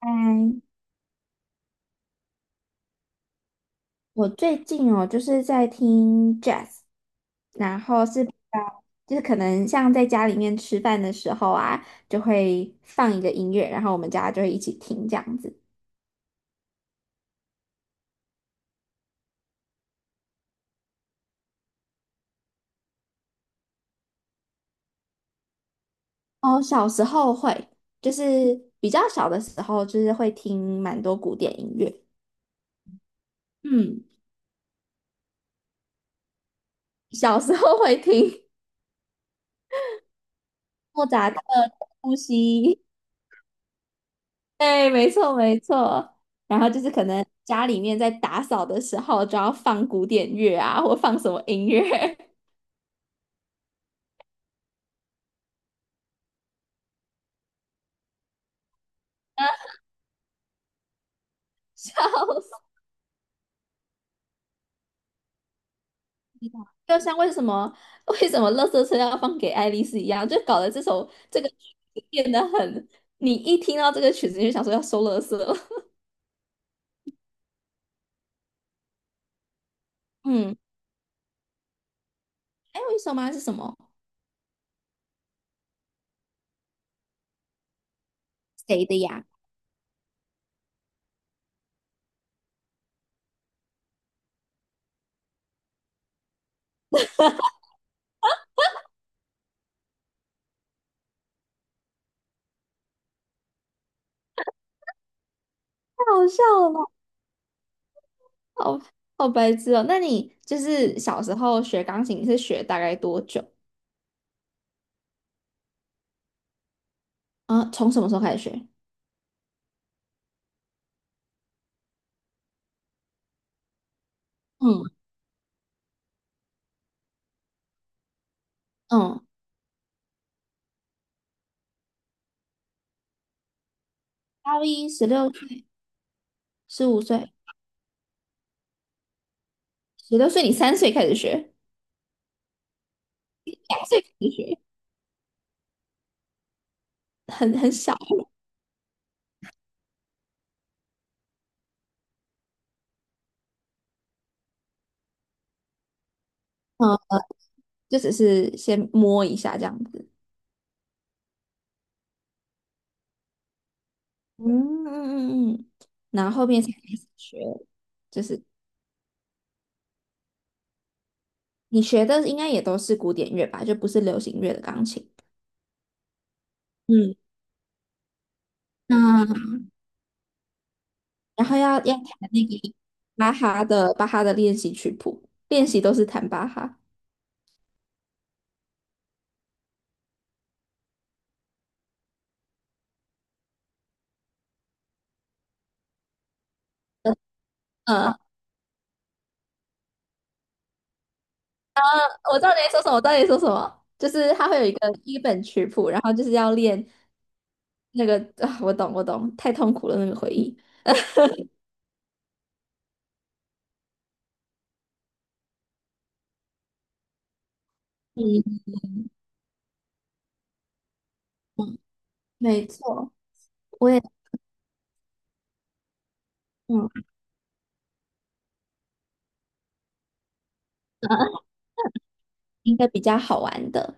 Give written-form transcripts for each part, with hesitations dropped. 嗯，我最近哦，就是在听 jazz，然后是比较，就是可能像在家里面吃饭的时候啊，就会放一个音乐，然后我们家就会一起听这样子。哦，小时候会，就是比较小的时候，就是会听蛮多古典音乐。嗯，小时候会听莫扎特、呼吸。对，没错没错。然后就是可能家里面在打扫的时候，就要放古典乐啊，或放什么音乐，笑死我！就像为什么《垃圾车》要放给爱丽丝一样，就搞得这首这个曲子变得很，你一听到这个曲子你就想说要收垃圾了。嗯，还有一首吗？是什么？谁的呀？太好笑了吧，好好白痴哦！那你就是小时候学钢琴是学大概多久？啊，从什么时候开始学？嗯嗯高一十六15岁，16岁你三岁开始学，三岁开始学，很小，嗯，就只是先摸一下这样子，嗯嗯嗯嗯，然后后面才开始学，就是你学的应该也都是古典乐吧，就不是流行乐的钢琴，嗯，那然后要弹那个巴哈的练习曲谱，练习都是弹巴哈，嗯，我知道你在说什么，我知道你在说什么，就是它会有一本曲谱，然后就是要练那个啊，我懂我懂，太痛苦了那个回忆。嗯嗯，没错，我也嗯，应该比较好玩的。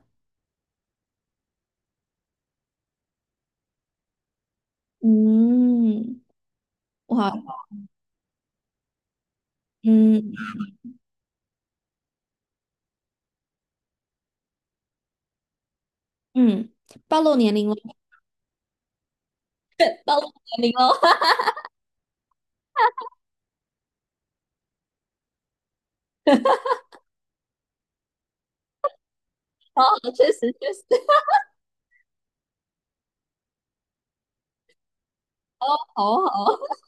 嗯，哇，嗯嗯，暴露年龄了，暴露年龄了，好好，确实确实，好好，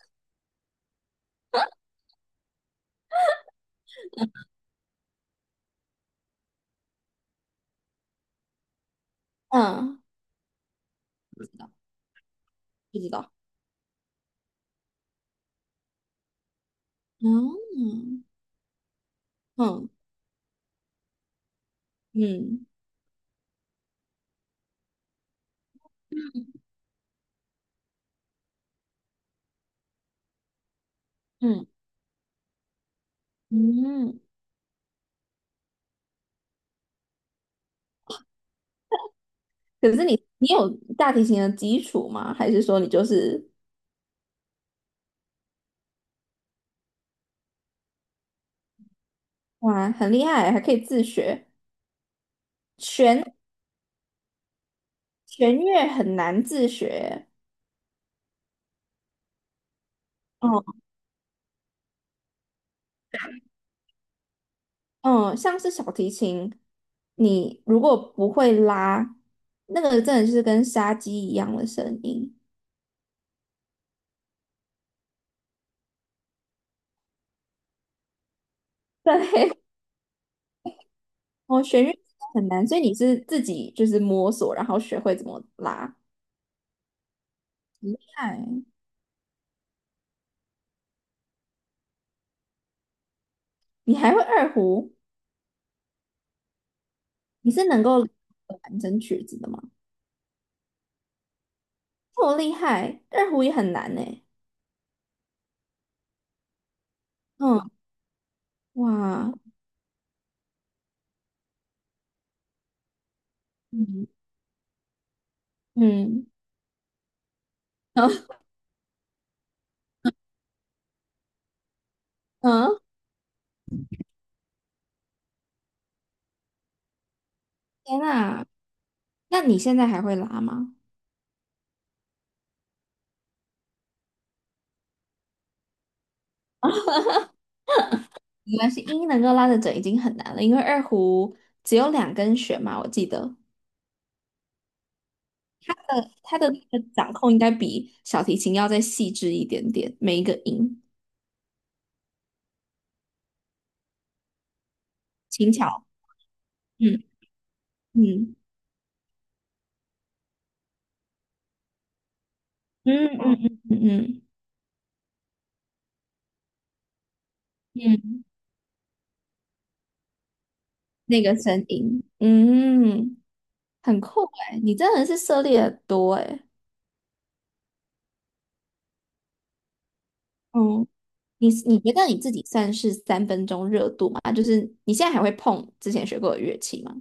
嗯，不知道，嗯嗯嗯嗯嗯。可是你有大提琴的基础吗？还是说你就是哇很厉害，还可以自学？弦弦乐很难自学，嗯嗯，像是小提琴，你如果不会拉，那个真的是跟杀鸡一样的声音。对，哦，弦乐真的很难，所以你是自己就是摸索，然后学会怎么拉。嗨，你还会二胡？你是能够弹整曲子的吗？这么厉害，二胡也很难呢。嗯。哇，嗯，嗯嗯，嗯，天呐，那你现在还会拉吗？没关系，音能够拉得准已经很难了，因为二胡只有2根弦嘛，我记得它的那个掌控应该比小提琴要再细致一点点，每一个音，轻巧，嗯嗯嗯嗯嗯嗯嗯，嗯那个声音，嗯，很酷哎，你真的是涉猎得多哎，你觉得你自己算是三分钟热度吗？就是你现在还会碰之前学过的乐器吗？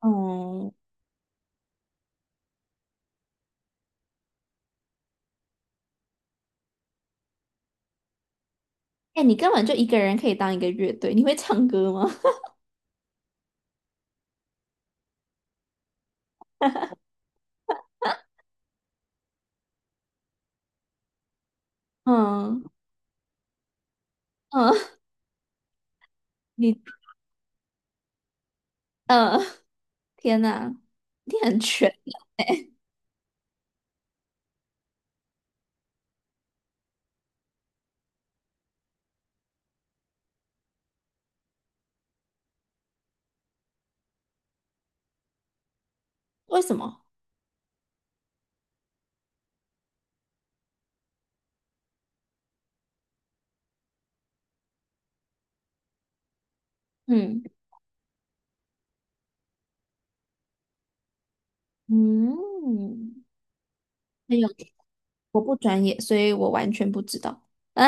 嗯，哎，你根本就一个人可以当一个乐队，你会唱歌吗？嗯嗯，你嗯，天哪，你很全，为什么？嗯嗯，没有，我不专业，所以我完全不知道。啊，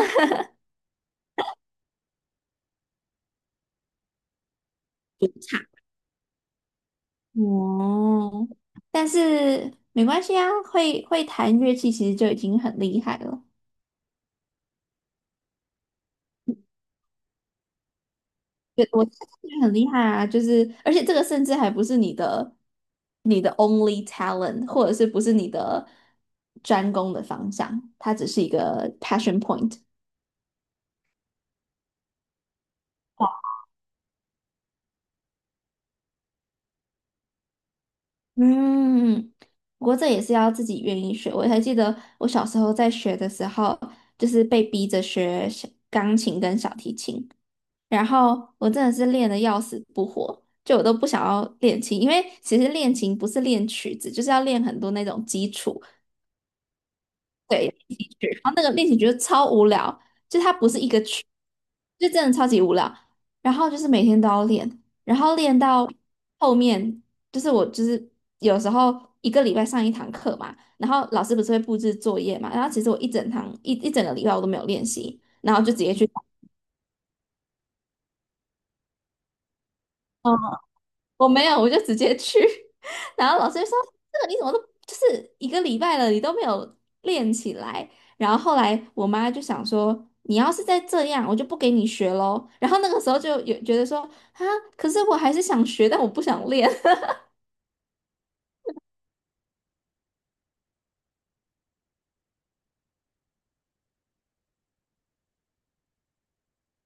主唱哦，但是没关系啊，会弹乐器其实就已经很厉害了。我觉得这个很厉害啊，就是而且这个甚至还不是你的only talent，或者是不是你的专攻的方向，它只是一个 passion point。嗯，不过这也是要自己愿意学。我还记得我小时候在学的时候，就是被逼着学小钢琴跟小提琴，然后我真的是练的要死不活，就我都不想要练琴，因为其实练琴不是练曲子，就是要练很多那种基础对，练习曲，然后那个练习觉得超无聊，就它不是一个曲，就真的超级无聊。然后就是每天都要练，然后练到后面，就是我就是有时候一个礼拜上一堂课嘛，然后老师不是会布置作业嘛，然后其实我一整个礼拜我都没有练习，然后就直接去。我没有，我就直接去。然后老师就说：“这个你怎么都就是一个礼拜了，你都没有练起来。”然后后来我妈就想说：“你要是再这样，我就不给你学喽。”然后那个时候就有觉得说：“啊，可是我还是想学，但我不想练。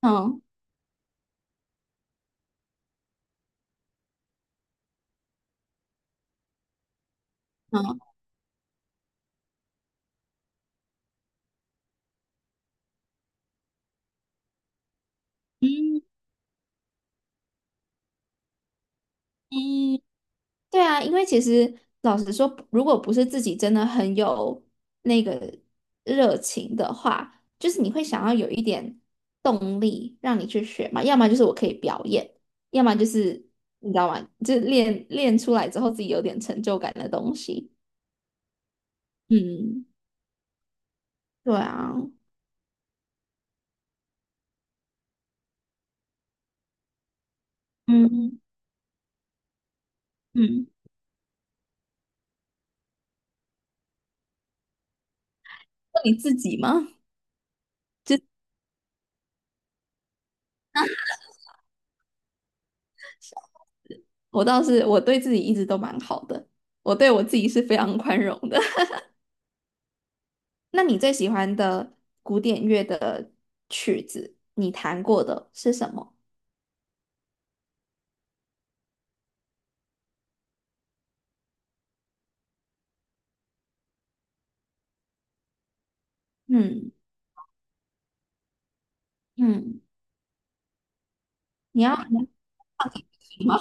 嗯嗯嗯嗯。对啊，因为其实老实说，如果不是自己真的很有那个热情的话，就是你会想要有一点动力让你去学嘛，要么就是我可以表演，要么就是你知道吗？就是练出来之后自己有点成就感的东西。嗯，对啊，嗯嗯，那你自己吗？我倒是我对自己一直都蛮好的，我对我自己是非常宽容的。那你最喜欢的古典乐的曲子，你弹过的是什么？嗯嗯，你要弹什么？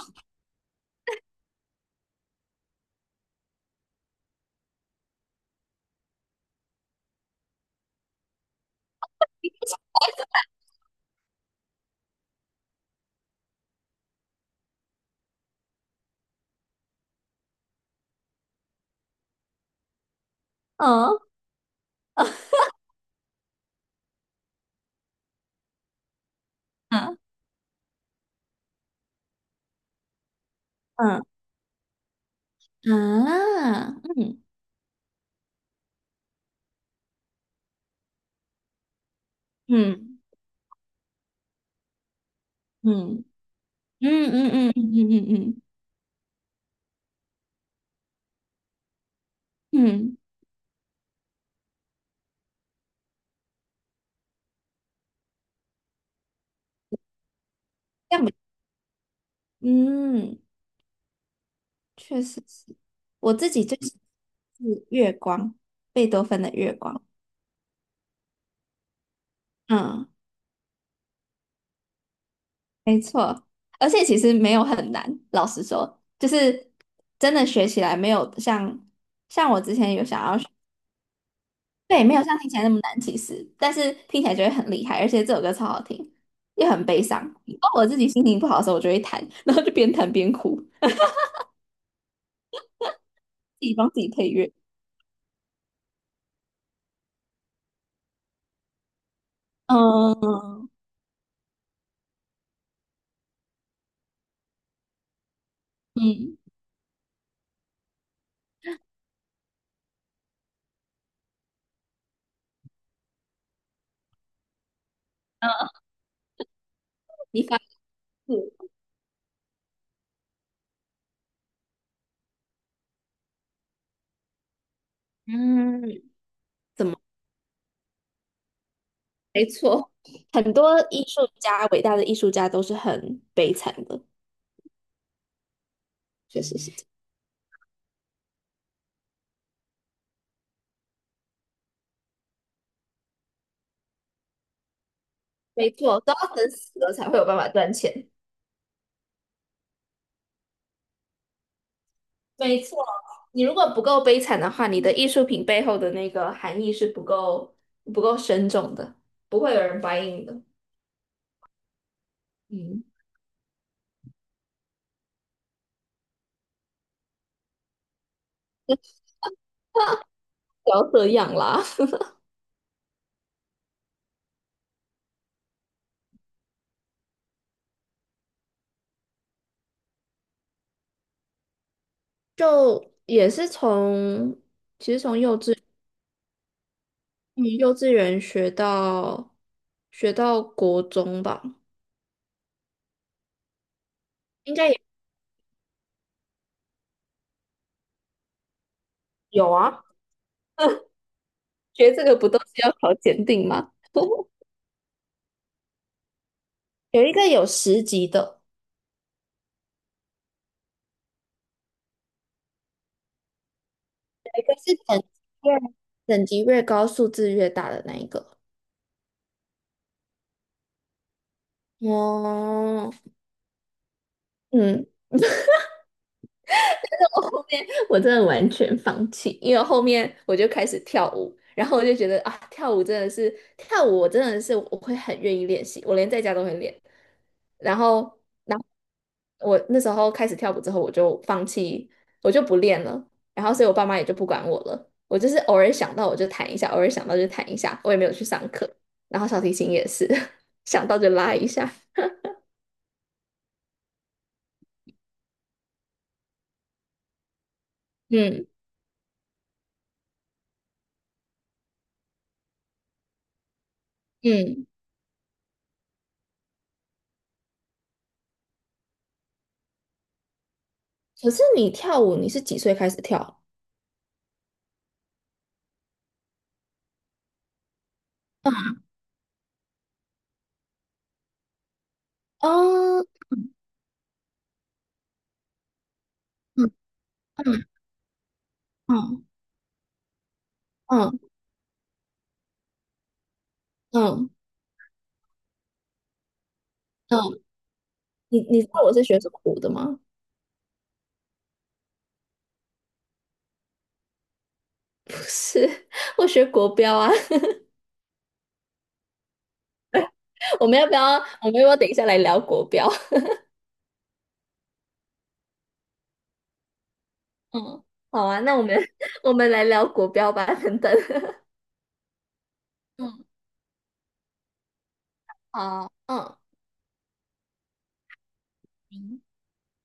嗯嗯嗯啊嗯嗯嗯嗯嗯嗯嗯嗯嗯嗯，这样比嗯，确实是我自己最喜欢是月光，贝多芬的月光。嗯。没错，而且其实没有很难，老实说，就是真的学起来没有像我之前有想要学，对，没有像听起来那么难，其实，但是听起来就会很厉害，而且这首歌超好听，又很悲伤。然后我自己心情不好的时候，我就会弹，然后就边弹边哭，自己帮自己配乐。嗯嗯嗯，你发誓，嗯，没错，很多艺术家，伟大的艺术家都是很悲惨的，确实是这样，没错，都要等死了才会有办法赚钱。没错，你如果不够悲惨的话，你的艺术品背后的那个含义是不够深重的，不会有人 buy in 的。嗯，不要这样啦 就也是从其实从幼稚园学到国中吧，应该也有啊。学这个不都是要考检定吗？有一个有10级的，有一个是越等级越高，数字越大的那一个。哦，嗯，我后面我真的完全放弃，因为后面我就开始跳舞，然后我就觉得啊，跳舞真的是跳舞，我真的是我会很愿意练习，我连在家都会练。然后，然后，我那时候开始跳舞之后，我就放弃，我就不练了。然后，所以我爸妈也就不管我了。我就是偶尔想到我就弹一下，偶尔想到就弹一下，我也没有去上课。然后小提琴也是 想到就拉一下。嗯嗯，可是你跳舞，你是几岁开始跳？嗯，哦嗯嗯嗯嗯嗯，嗯，你知道我是学什么舞的吗？不是，我学国标啊。我们要不要？我们要不要等一下来聊国标？嗯，好啊，那我们 我们来聊国标吧。等等，嗯，好，嗯。